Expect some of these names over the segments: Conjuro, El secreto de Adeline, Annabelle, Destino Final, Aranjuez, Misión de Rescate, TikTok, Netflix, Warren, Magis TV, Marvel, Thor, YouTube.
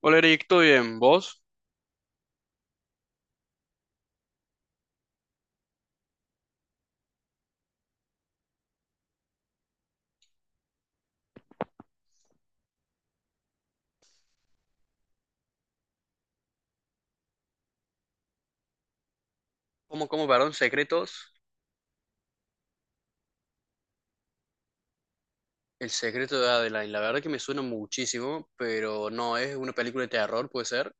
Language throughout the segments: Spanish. Hola Eric, ¿todo bien? ¿Vos? ¿Cómo, perdón, secretos? El secreto de Adeline, la verdad que me suena muchísimo, pero no, es una película de terror, ¿puede ser?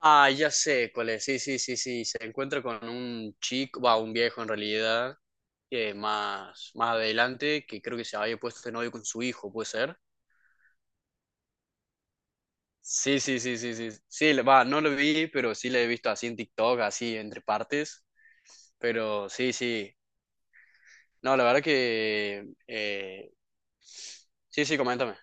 Ah, ya sé cuál es, sí, sí, sí, sí, se encuentra con un chico, va, un viejo en realidad, que más, adelante, que creo que se había puesto de novio con su hijo, ¿puede ser? Sí, sí, sí, sí, sí, sí, va, no lo vi, pero sí la he visto así en TikTok, así entre partes, pero sí, sí, no, la verdad que, sí, sí, coméntame.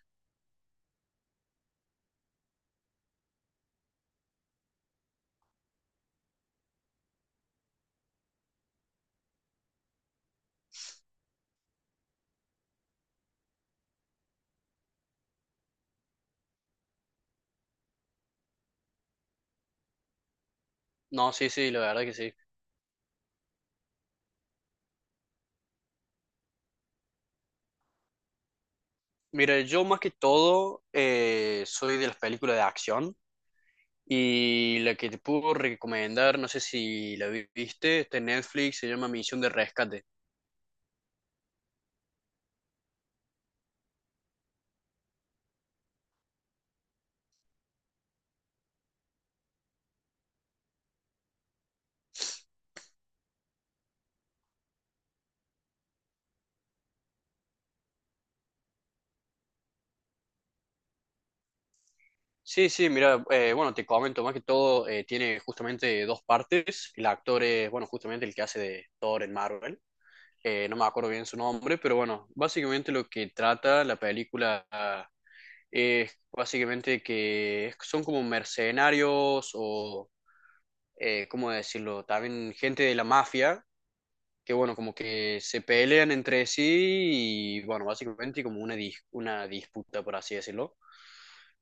No, sí, sí, la verdad que sí. Mira, yo más que todo soy de las películas de acción y la que te puedo recomendar, no sé si la viste, está en Netflix, se llama Misión de Rescate. Sí, sí, mira, bueno, te comento, más que todo tiene justamente dos partes. El actor es, bueno, justamente el que hace de Thor en Marvel. No me acuerdo bien su nombre, pero bueno, básicamente lo que trata la película es básicamente que son como mercenarios o ¿cómo decirlo? También gente de la mafia, que bueno, como que se pelean entre sí y bueno, básicamente como una, una disputa, por así decirlo.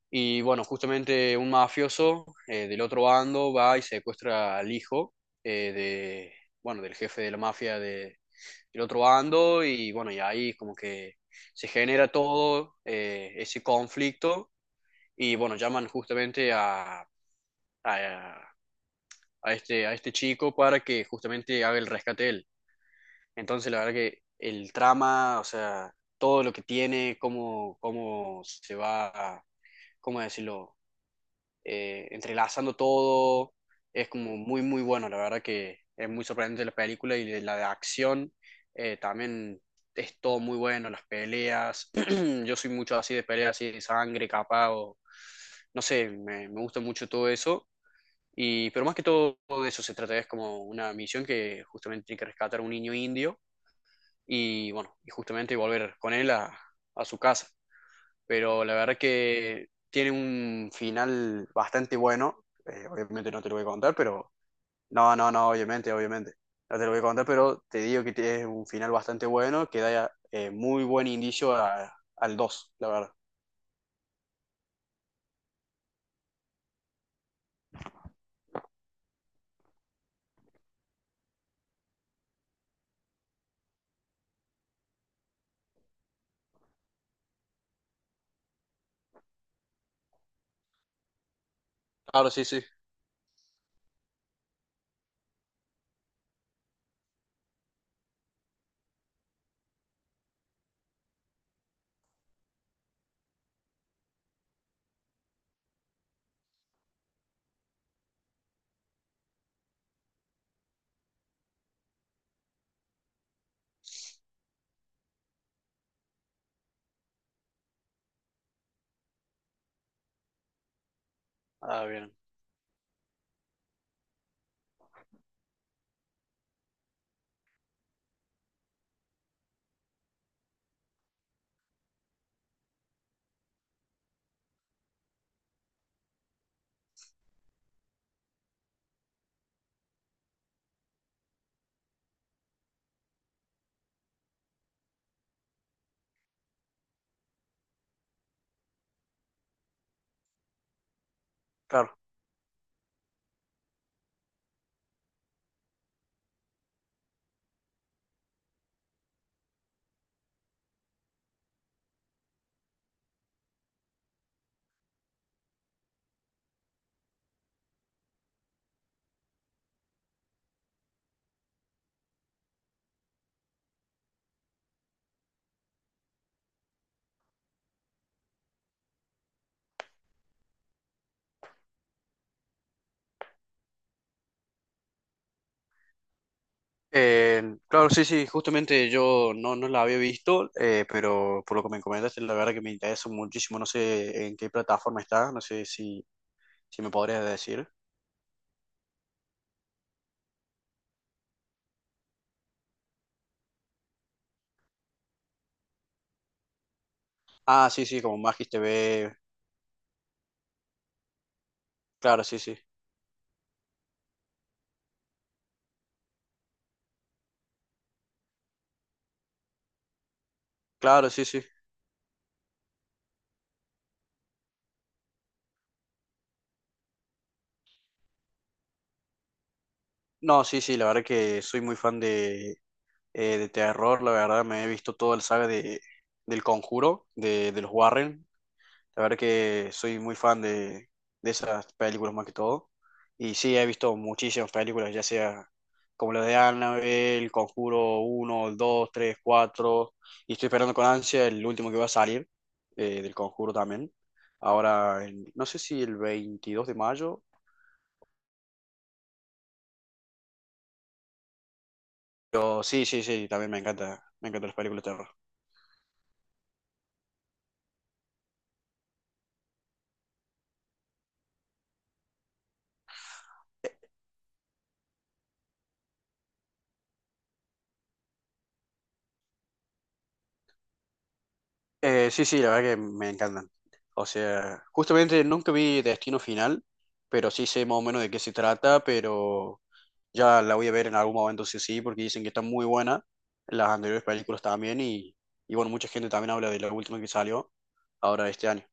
Y bueno, justamente un mafioso del otro bando va y secuestra al hijo eh, de, bueno, del jefe de la mafia del otro bando y bueno, y ahí como que se genera todo ese conflicto y bueno, llaman justamente a, a este chico para que justamente haga el rescate de él. Entonces, la verdad que el trama, o sea, todo lo que tiene, cómo, se va, cómo decirlo, entrelazando todo, es como muy, muy bueno. La verdad que es muy sorprendente la película y de la de acción también es todo muy bueno, las peleas. Yo soy mucho así de peleas, así de sangre, capa, o no sé, me gusta mucho todo eso. Y, pero más que todo de eso se trata, es como una misión que justamente tiene que rescatar a un niño indio y bueno, y justamente volver con él a su casa. Pero la verdad que tiene un final bastante bueno, obviamente no te lo voy a contar, pero no, no, no, obviamente, obviamente. No te lo voy a contar, pero te digo que tiene un final bastante bueno que da muy buen indicio al 2 la verdad. Claro, sí, sí. Ah, bien. Claro. Claro, sí, sí, justamente yo no, no la había visto, pero por lo que me comentas, la verdad que me interesa muchísimo, no sé en qué plataforma está, no sé si, si me podrías decir. Ah, sí, sí, como Magis TV, claro, sí, sí, claro, sí, sí. No, sí, sí, la verdad que soy muy fan de terror, la verdad me he visto toda la saga de, del Conjuro, de los Warren. La verdad que soy muy fan de esas películas más que todo. Y sí, he visto muchísimas películas, ya sea como las de Annabelle, Conjuro uno, 2, 3, cuatro. Y estoy esperando con ansia el último que va a salir del Conjuro también. Ahora, no sé si el 22 de mayo, pero sí, sí, sí, también me encanta, me encantan las películas de terror. Sí, sí, la verdad que me encantan. O sea, justamente nunca vi Destino Final, pero sí sé más o menos de qué se trata, pero ya la voy a ver en algún momento sí sí, porque dicen que está muy buena, las anteriores películas también, y bueno, mucha gente también habla de la última que salió ahora este año,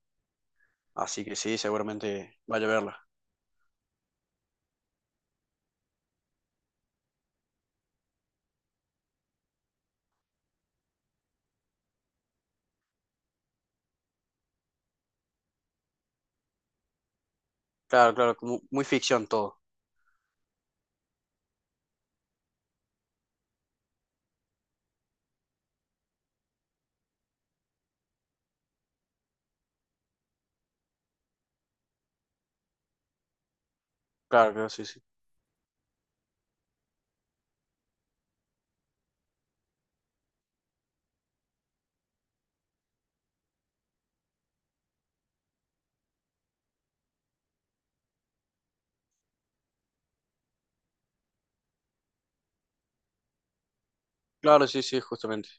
así que sí, seguramente vaya a verla. Claro, claro, como muy ficción todo. Claro, claro, sí, sí. Claro, sí, sí, justamente.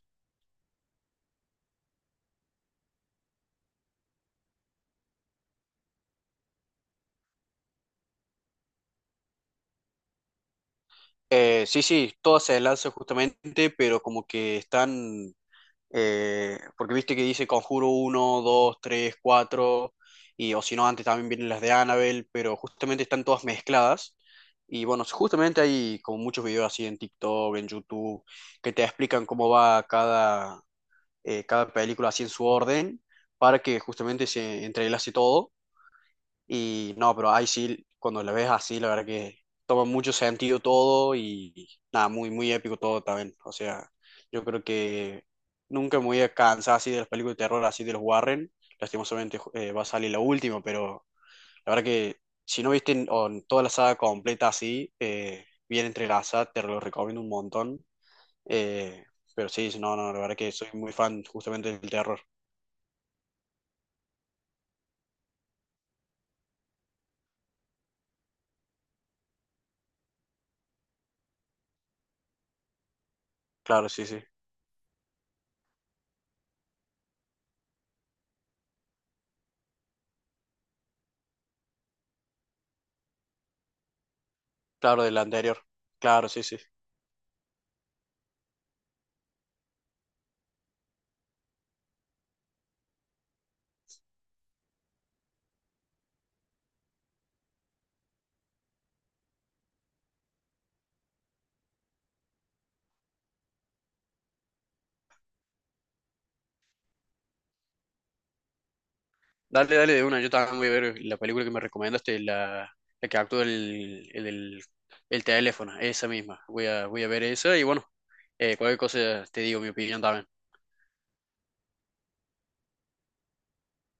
Sí, sí, todas se enlazan justamente, pero como que están. Porque viste que dice Conjuro uno, dos, tres, 4 y o si no, antes también vienen las de Annabelle, pero justamente están todas mezcladas. Y bueno, justamente hay como muchos videos así en TikTok, en YouTube, que te explican cómo va cada, cada película así en su orden, para que justamente se entrelace todo. Y no, pero ahí sí, cuando la ves así, la verdad que toma mucho sentido todo y nada, muy, muy épico todo también. O sea, yo creo que nunca me voy a cansar así de las películas de terror, así de los Warren. Lastimosamente va a salir la última, pero la verdad que si no viste en- o en toda la saga completa así, bien entrelazada, te lo recomiendo un montón. Eh, pero sí, sí, no, no, la verdad que soy muy fan justamente del terror. Claro, sí, sí. Claro, del anterior. Claro, sí, sí. Dale, dale de una. Yo también voy a ver la película que me recomendaste, la que actúa el teléfono, esa misma. Voy a, voy a ver esa y bueno, cualquier cosa te digo mi opinión también.